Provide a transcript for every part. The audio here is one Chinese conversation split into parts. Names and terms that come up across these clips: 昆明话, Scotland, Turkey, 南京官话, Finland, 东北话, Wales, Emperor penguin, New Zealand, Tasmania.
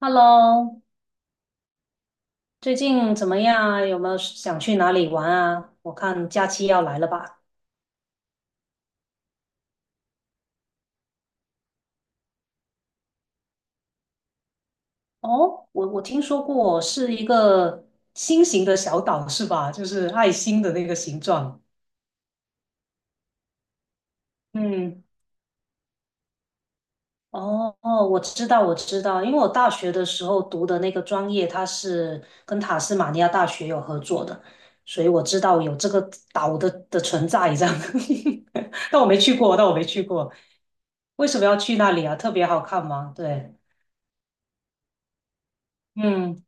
Hello，最近怎么样啊？有没有想去哪里玩啊？我看假期要来了吧？哦，我听说过是一个心形的小岛是吧？就是爱心的那个形状。嗯。哦哦，我知道我知道，因为我大学的时候读的那个专业，它是跟塔斯马尼亚大学有合作的，所以我知道有这个岛的存在这样。但我没去过，但我没去过。为什么要去那里啊？特别好看吗？对。嗯。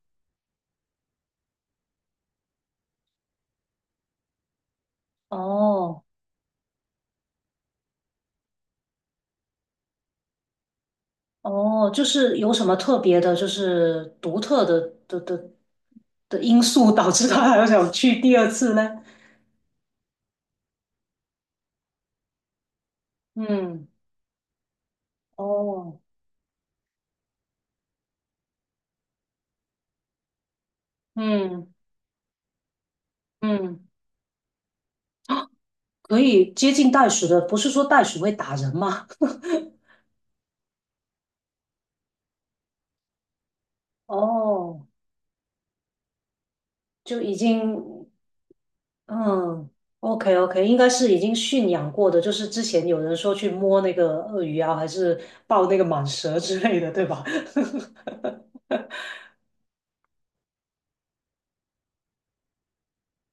哦，哦，就是有什么特别的，就是独特的的的因素导致他还要想去第二次呢？嗯。哦。嗯嗯，可以接近袋鼠的，不是说袋鼠会打人吗？哦，就已经，嗯，OK OK，应该是已经驯养过的，就是之前有人说去摸那个鳄鱼啊，还是抱那个蟒蛇之类的，对吧？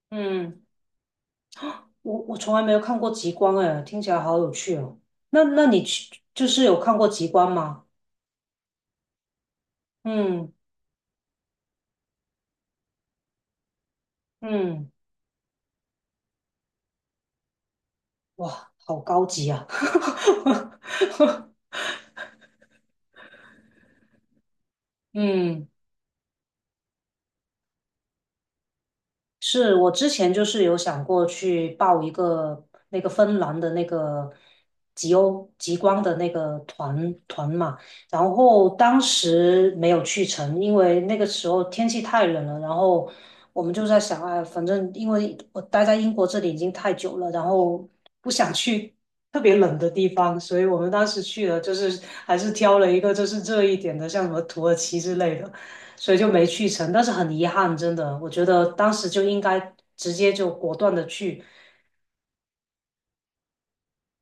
嗯。我从来没有看过极光，哎，听起来好有趣哦。那你去就是有看过极光吗？嗯嗯。哇，好高级啊！嗯。是我之前就是有想过去报一个那个芬兰的那个极光的那个团嘛，然后当时没有去成，因为那个时候天气太冷了，然后我们就在想，哎，反正因为我待在英国这里已经太久了，然后不想去特别冷的地方，所以我们当时去了，就是还是挑了一个就是热一点的，像什么土耳其之类的。所以就没去成，但是很遗憾，真的，我觉得当时就应该直接就果断的去。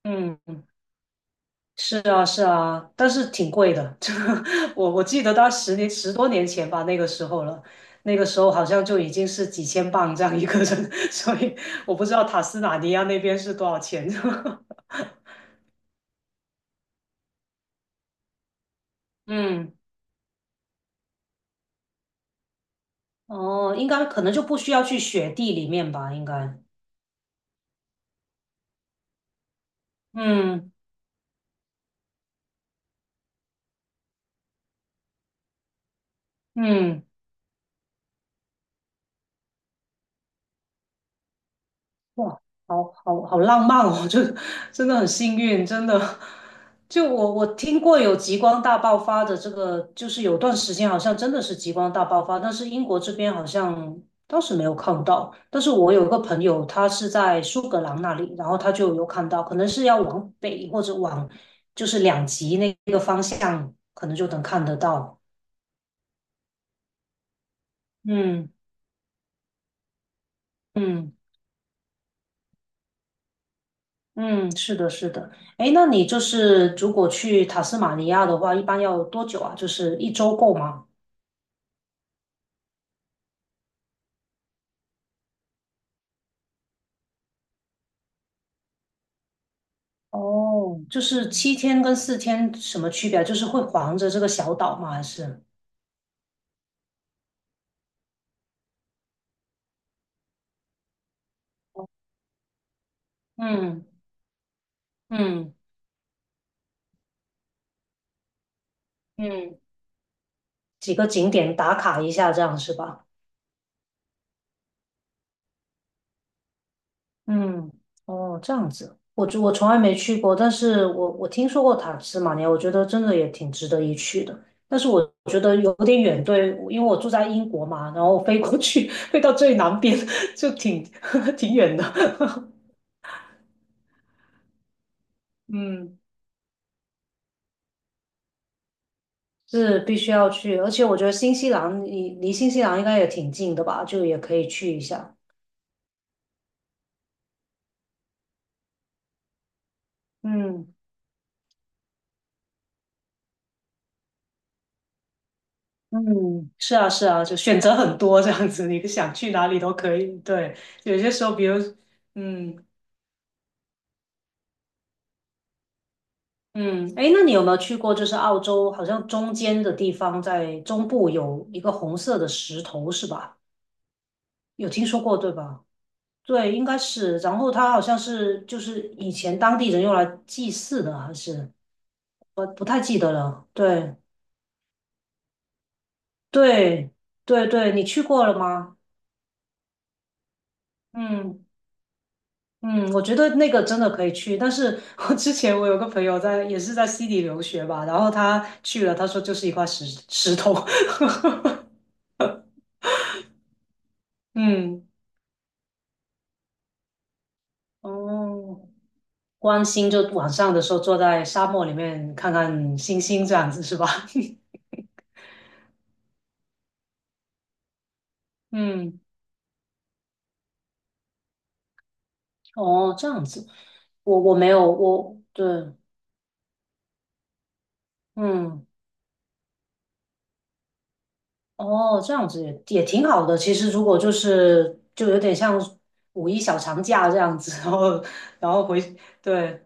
嗯，是啊，是啊，但是挺贵的。这个我记得到10多年前吧，那个时候了，那个时候好像就已经是几千镑这样一个人，所以我不知道塔斯马尼亚那边是多少钱。嗯。哦，应该可能就不需要去雪地里面吧，应该。嗯嗯。哇，好好好浪漫哦！就真的很幸运，真的。就我听过有极光大爆发的这个，就是有段时间好像真的是极光大爆发，但是英国这边好像当时没有看到。但是我有个朋友，他是在苏格兰那里，然后他就有看到，可能是要往北或者往就是两极那个方向，可能就能看得到。嗯嗯。嗯，是的，是的。哎，那你就是如果去塔斯马尼亚的话，一般要多久啊？就是一周够吗？哦，就是7天跟4天什么区别啊，就是会环着这个小岛吗？还是？嗯嗯嗯，几个景点打卡一下，这样是吧？嗯。哦，这样子，我从来没去过，但是我听说过塔斯马尼亚，我觉得真的也挺值得一去的。但是我觉得有点远，对，因为我住在英国嘛，然后飞过去，飞到最南边，就挺 挺远的。嗯，是必须要去，而且我觉得新西兰离新西兰应该也挺近的吧，就也可以去一下。嗯嗯，是啊是啊，就选择很多这样子，你想去哪里都可以。对，有些时候，比如。嗯。嗯。哎，那你有没有去过？就是澳洲好像中间的地方，在中部有一个红色的石头，是吧？有听说过，对吧？对，应该是。然后它好像是就是以前当地人用来祭祀的，还是不太记得了。对，对，对，对，你去过了吗？嗯嗯，我觉得那个真的可以去。但是我之前我有个朋友在，也是在悉尼留学吧，然后他去了，他说就是一块石头。嗯。哦。观星就晚上的时候坐在沙漠里面看看星星这样子是吧？嗯。哦，这样子，我没有，我对，嗯。哦，这样子也挺好的。其实如果就是就有点像五一小长假这样子，然后回，对，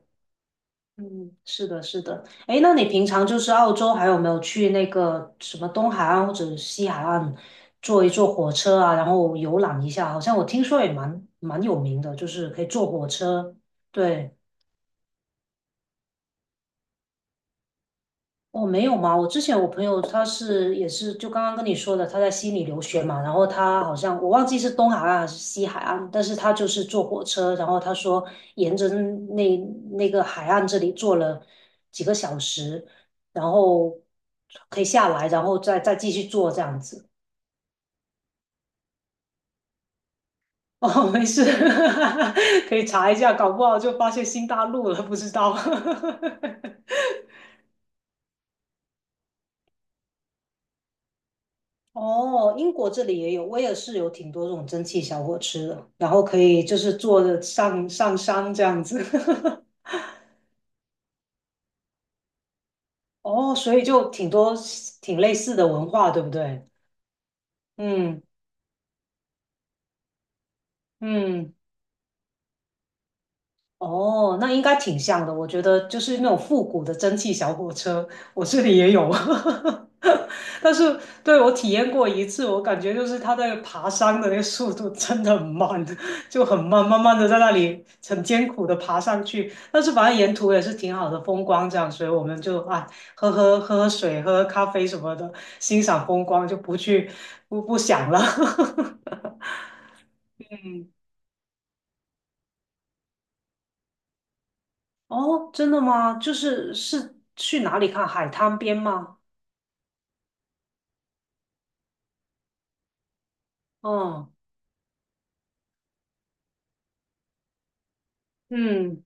嗯，是的，是的。哎，那你平常就是澳洲，还有没有去那个什么东海岸或者西海岸坐一坐火车啊，然后游览一下？好像我听说也蛮有名的，就是可以坐火车。对，我没有嘛，我之前我朋友他是也是就刚刚跟你说的，他在悉尼留学嘛，然后他好像我忘记是东海岸还是西海岸，但是他就是坐火车，然后他说沿着那个海岸这里坐了几个小时，然后可以下来，然后再继续坐这样子。哦，没事。可以查一下，搞不好就发现新大陆了，不知道。哦，英国这里也有，威尔士有挺多这种蒸汽小火车的，然后可以就是坐着上上山这样子。哦，所以就挺类似的文化，对不对？嗯嗯。哦，那应该挺像的。我觉得就是那种复古的蒸汽小火车，我这里也有。但是对我体验过一次，我感觉就是它在爬山的那个速度真的很慢，就很慢，慢慢的在那里很艰苦的爬上去。但是反正沿途也是挺好的风光，这样，所以我们就啊喝喝水，喝喝咖啡什么的，欣赏风光，就不想了。嗯。哦，真的吗？就是去哪里看海滩边吗？嗯嗯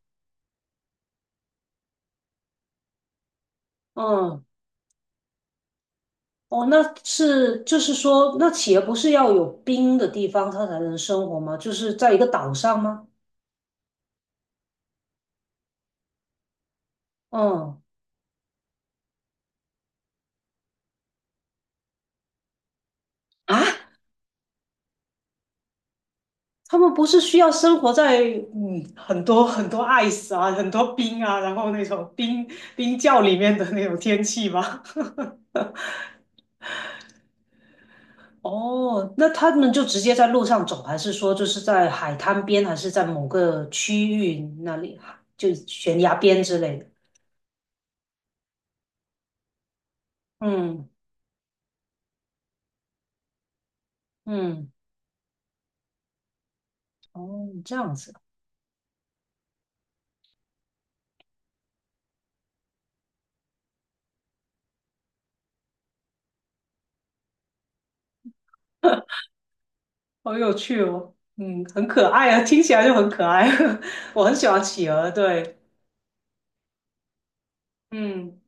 嗯。哦，那是就是说，那企业不是要有冰的地方它才能生活吗？就是在一个岛上吗？嗯。啊，他们不是需要生活在很多很多 ice 啊，很多冰啊，然后那种冰窖里面的那种天气吗？哦，那他们就直接在路上走，还是说就是在海滩边，还是在某个区域那里，就悬崖边之类的？嗯嗯。哦，这样子，好有趣哦，嗯，很可爱啊，听起来就很可爱，我很喜欢企鹅，对。嗯。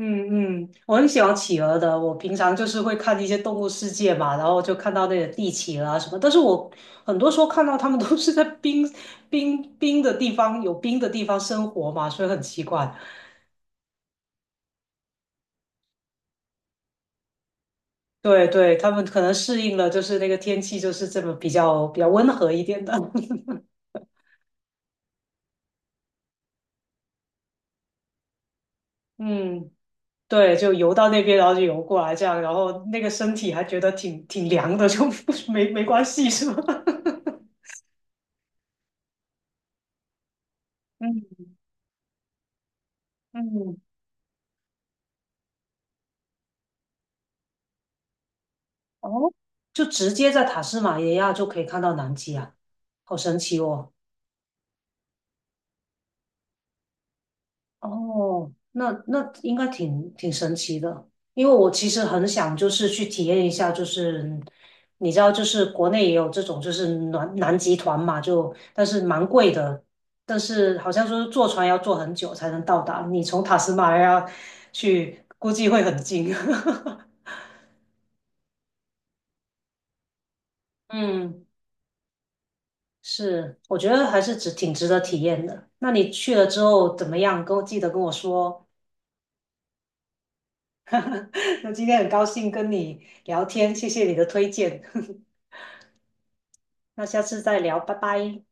嗯嗯，我很喜欢企鹅的。我平常就是会看一些《动物世界》嘛，然后就看到那个帝企鹅啊什么。但是我很多时候看到它们都是在冰的地方，有冰的地方生活嘛，所以很奇怪。对对，它们可能适应了，就是那个天气就是这么比较温和一点的。嗯，对，就游到那边，然后就游过来这样，然后那个身体还觉得挺凉的，就 没关系是吧？嗯嗯。哦，就直接在塔斯马尼亚就可以看到南极啊，好神奇哦！哦，那应该挺神奇的，因为我其实很想就是去体验一下，就是你知道，就是国内也有这种就是南极团嘛，就但是蛮贵的，但是好像说是坐船要坐很久才能到达，你从塔斯马尼亚去，估计会很近。嗯。是，我觉得还是挺值得体验的。那你去了之后怎么样？记得跟我说。那今天很高兴跟你聊天，谢谢你的推荐。那下次再聊，拜拜。